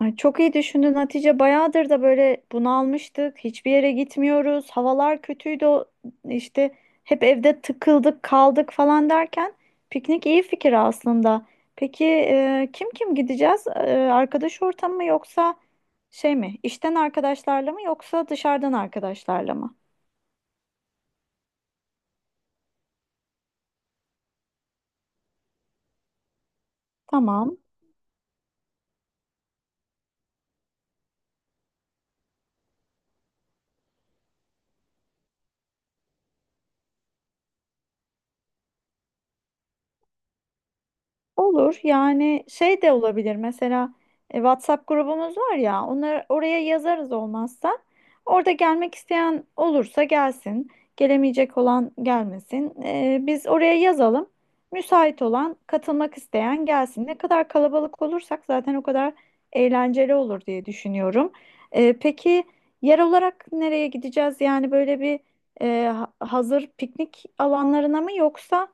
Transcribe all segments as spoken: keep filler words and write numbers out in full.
Ay, çok iyi düşündün Hatice. Bayağıdır da böyle bunalmıştık. Hiçbir yere gitmiyoruz. Havalar kötüydü. o- İşte hep evde tıkıldık, kaldık falan derken piknik iyi fikir aslında. Peki e, kim kim gideceğiz? E, arkadaş ortamı mı yoksa şey mi? İşten arkadaşlarla mı yoksa dışarıdan arkadaşlarla mı? Tamam. Olur yani şey de olabilir mesela e, WhatsApp grubumuz var ya, onları oraya yazarız. Olmazsa orada gelmek isteyen olursa gelsin, gelemeyecek olan gelmesin. E, biz oraya yazalım, müsait olan katılmak isteyen gelsin. Ne kadar kalabalık olursak zaten o kadar eğlenceli olur diye düşünüyorum. E, peki yer olarak nereye gideceğiz? Yani böyle bir e, ha- hazır piknik alanlarına mı, yoksa?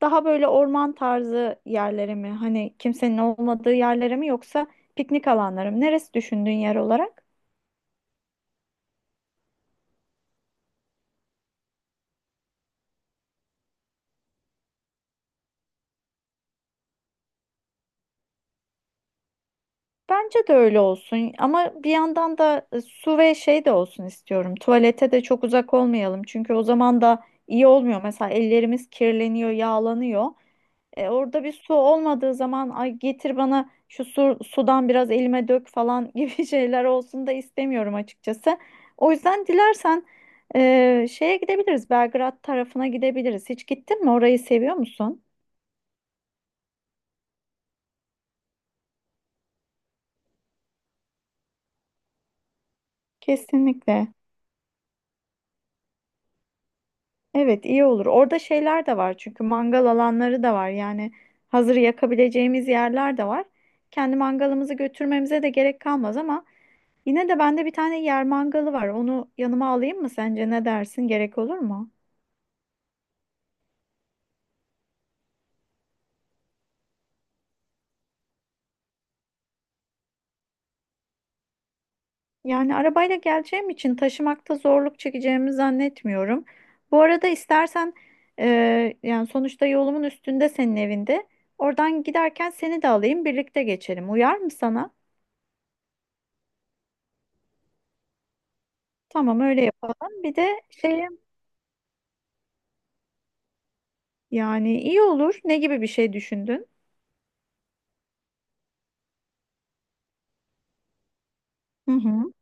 Daha böyle orman tarzı yerlere mi? Hani kimsenin olmadığı yerlere mi, yoksa piknik alanları mı? Neresi düşündüğün yer olarak? Bence de öyle olsun ama bir yandan da e, su ve şey de olsun istiyorum. Tuvalete de çok uzak olmayalım, çünkü o zaman da iyi olmuyor. Mesela ellerimiz kirleniyor, yağlanıyor. E, orada bir su olmadığı zaman, ay getir bana şu su, sudan biraz elime dök falan gibi şeyler olsun da istemiyorum açıkçası. O yüzden dilersen e, şeye gidebiliriz. Belgrad tarafına gidebiliriz. Hiç gittin mi? Orayı seviyor musun? Kesinlikle. Evet, iyi olur. Orada şeyler de var, çünkü mangal alanları da var. Yani hazır yakabileceğimiz yerler de var. Kendi mangalımızı götürmemize de gerek kalmaz ama yine de bende bir tane yer mangalı var. Onu yanıma alayım mı sence? Ne dersin? Gerek olur mu? Yani arabayla geleceğim için taşımakta zorluk çekeceğimi zannetmiyorum. Bu arada istersen e, yani sonuçta yolumun üstünde senin evinde. Oradan giderken seni de alayım, birlikte geçelim. Uyar mı sana? Tamam, öyle yapalım. Bir de şey, yani iyi olur. Ne gibi bir şey düşündün? Hı hı.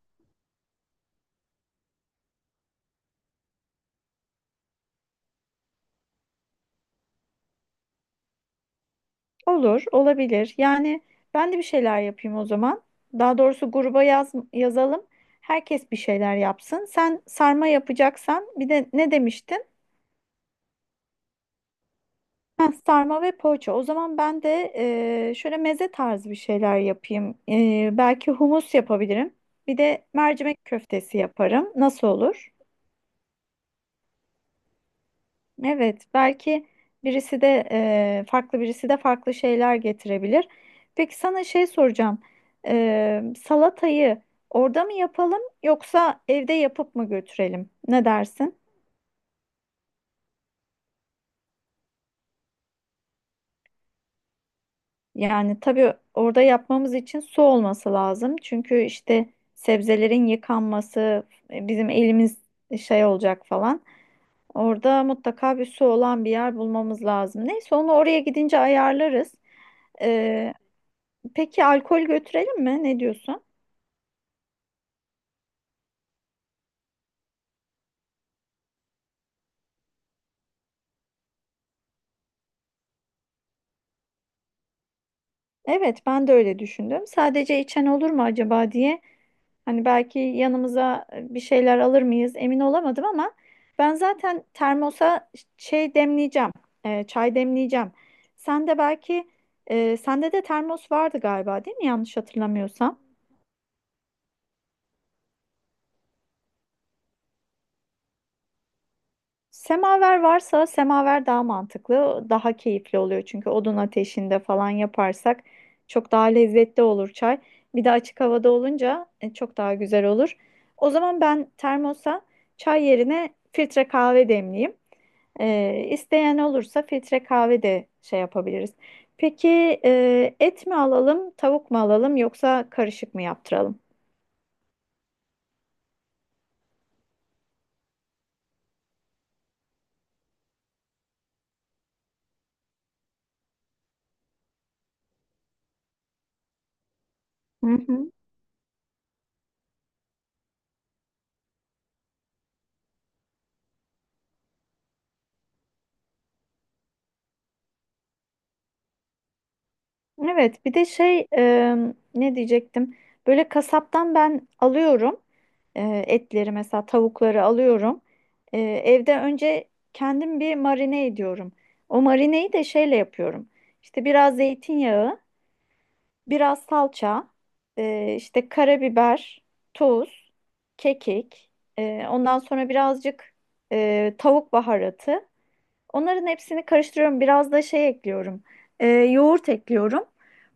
Olur, olabilir. Yani ben de bir şeyler yapayım o zaman. Daha doğrusu gruba yaz, yazalım. Herkes bir şeyler yapsın. Sen sarma yapacaksan bir de ne demiştin? Ha, sarma ve poğaça. O zaman ben de e, şöyle meze tarzı bir şeyler yapayım. E, belki humus yapabilirim. Bir de mercimek köftesi yaparım. Nasıl olur? Evet, belki birisi de e, farklı, birisi de farklı şeyler getirebilir. Peki sana şey soracağım. E, salatayı orada mı yapalım, yoksa evde yapıp mı götürelim? Ne dersin? Yani tabii orada yapmamız için su olması lazım. Çünkü işte sebzelerin yıkanması, e, bizim elimiz şey olacak falan. Orada mutlaka bir su olan bir yer bulmamız lazım. Neyse onu oraya gidince ayarlarız. Peki alkol götürelim mi? Ne diyorsun? Evet, ben de öyle düşündüm. Sadece içen olur mu acaba diye. Hani belki yanımıza e, bir şeyler alır mıyız emin olamadım ama ben zaten termosa şey demleyeceğim. E, çay demleyeceğim. Sen de belki e, sende de termos vardı galiba, değil mi? Yanlış hatırlamıyorsam. Semaver varsa semaver daha mantıklı, daha keyifli oluyor. Çünkü odun ateşinde falan yaparsak çok daha lezzetli olur çay. Bir de açık havada olunca e, çok daha güzel olur. O zaman ben termosa çay yerine filtre kahve demleyeyim. Ee, isteyen olursa filtre kahve de şey yapabiliriz. Peki e, et mi alalım, tavuk mu alalım, yoksa karışık mı yaptıralım? Hı hı. Evet, bir de şey, e, ne diyecektim? Böyle kasaptan ben alıyorum, e, etleri mesela, tavukları alıyorum. E, evde önce kendim bir marine ediyorum. O marineyi de şeyle yapıyorum. İşte biraz zeytinyağı, biraz salça, e, işte karabiber, tuz, kekik. E, ondan sonra birazcık e, tavuk baharatı. Onların hepsini karıştırıyorum. Biraz da şey ekliyorum. Ee, yoğurt ekliyorum.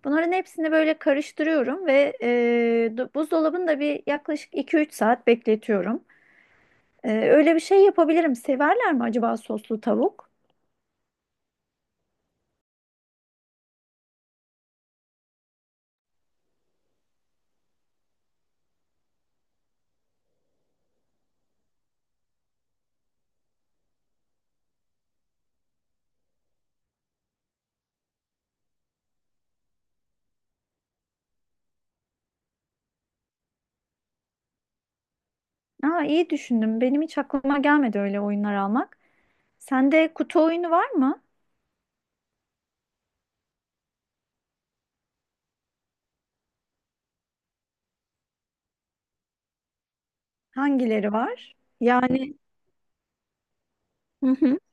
Bunların hepsini böyle karıştırıyorum ve e, du- buzdolabında bir yaklaşık iki üç saat bekletiyorum. Ee, öyle bir şey yapabilirim. Severler mi acaba soslu tavuk? Aa, iyi düşündüm. Benim hiç aklıma gelmedi öyle oyunlar almak. Sende kutu oyunu var mı? Hangileri var? Yani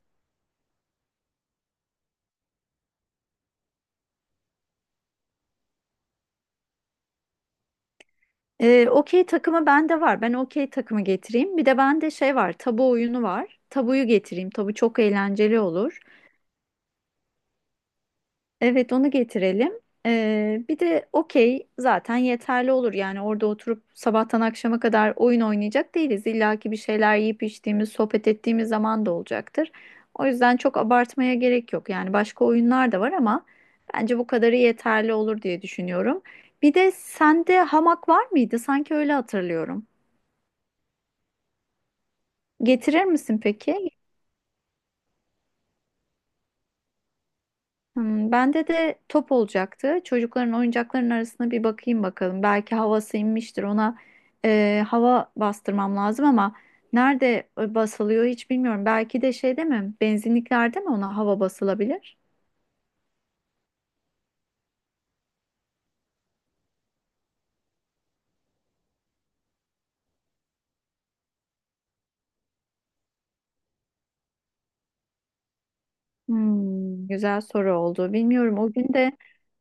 Ee, okey takımı bende var. Ben okey takımı getireyim. Bir de bende şey var. Tabu oyunu var. Tabuyu getireyim. Tabu çok eğlenceli olur. Evet, onu getirelim. Ee, bir de okey zaten yeterli olur. Yani orada oturup sabahtan akşama kadar oyun oynayacak değiliz. İlla ki bir şeyler yiyip içtiğimiz, sohbet ettiğimiz zaman da olacaktır. O yüzden çok abartmaya gerek yok. Yani başka oyunlar da var ama bence bu kadarı yeterli olur diye düşünüyorum. Bir de sende hamak var mıydı? Sanki öyle hatırlıyorum. Getirir misin peki? Hmm, bende de top olacaktı. Çocukların oyuncaklarının arasına bir bakayım bakalım. Belki havası inmiştir. Ona e, hava bastırmam lazım ama nerede e, basılıyor hiç bilmiyorum. Belki de şeyde mi? Benzinliklerde mi ona hava basılabilir? Hmm, güzel soru oldu. Bilmiyorum. O gün de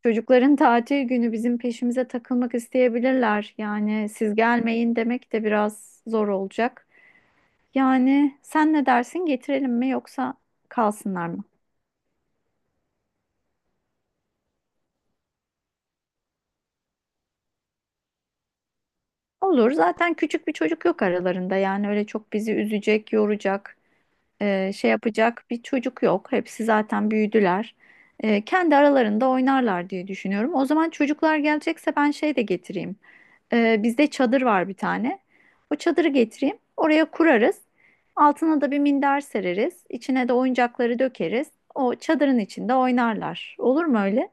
çocukların tatil günü, bizim peşimize takılmak isteyebilirler. Yani siz gelmeyin demek de biraz zor olacak. Yani sen ne dersin, getirelim mi, yoksa kalsınlar mı? Olur, zaten küçük bir çocuk yok aralarında. Yani öyle çok bizi üzecek, yoracak, e, şey yapacak bir çocuk yok. Hepsi zaten büyüdüler. E, kendi aralarında oynarlar diye düşünüyorum. O zaman çocuklar gelecekse ben şey de getireyim. E, bizde çadır var bir tane. O çadırı getireyim. Oraya kurarız. Altına da bir minder sereriz. İçine de oyuncakları dökeriz. O çadırın içinde oynarlar. Olur mu öyle?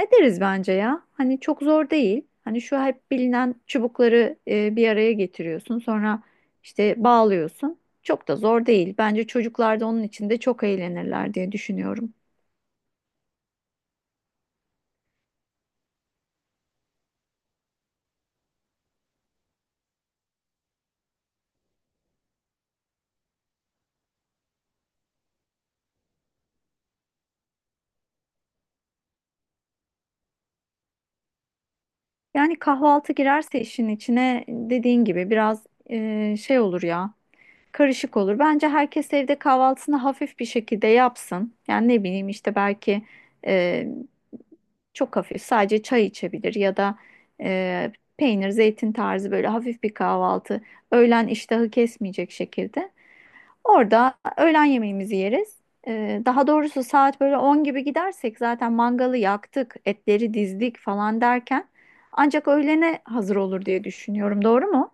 Ederiz bence ya. Hani çok zor değil. Hani şu hep bilinen çubukları e, bir araya getiriyorsun. Sonra işte bağlıyorsun. Çok da zor değil. Bence çocuklar da onun içinde çok eğlenirler diye düşünüyorum. Yani kahvaltı girerse işin içine, dediğin gibi biraz e, şey olur ya, karışık olur. Bence herkes evde kahvaltısını hafif bir şekilde yapsın. Yani ne bileyim işte belki e, çok hafif sadece çay içebilir, ya da e, peynir, zeytin tarzı böyle hafif bir kahvaltı. Öğlen iştahı kesmeyecek şekilde. Orada öğlen yemeğimizi yeriz. E, daha doğrusu saat böyle on gibi gidersek zaten mangalı yaktık, etleri dizdik falan derken ancak öğlene hazır olur diye düşünüyorum. Doğru mu?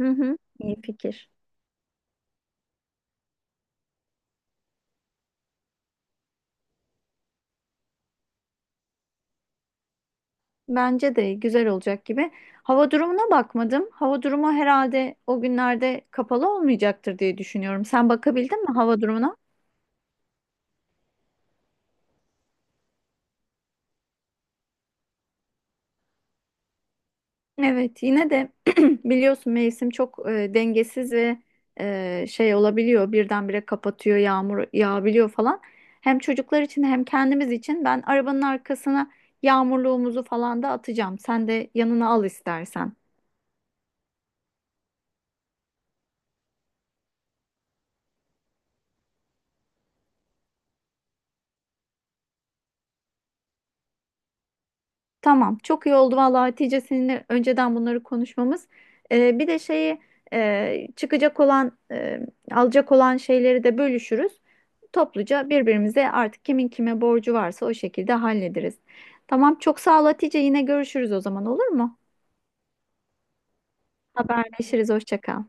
Hı hı. İyi fikir. Bence de güzel olacak gibi. Hava durumuna bakmadım. Hava durumu herhalde o günlerde kapalı olmayacaktır diye düşünüyorum. Sen bakabildin mi hava durumuna? Evet, yine de biliyorsun mevsim çok e, dengesiz ve e, şey olabiliyor. Birdenbire kapatıyor, yağmur yağabiliyor falan. Hem çocuklar için hem kendimiz için ben arabanın arkasına yağmurluğumuzu falan da atacağım. Sen de yanına al istersen. Tamam, çok iyi oldu vallahi Hatice, seninle önceden bunları konuşmamız. Ee, bir de şeyi, e, çıkacak olan, e, alacak olan şeyleri de bölüşürüz. Topluca birbirimize artık kimin kime borcu varsa o şekilde hallederiz. Tamam, çok sağ ol Hatice. Yine görüşürüz o zaman, olur mu? Haberleşiriz. Hoşça kal.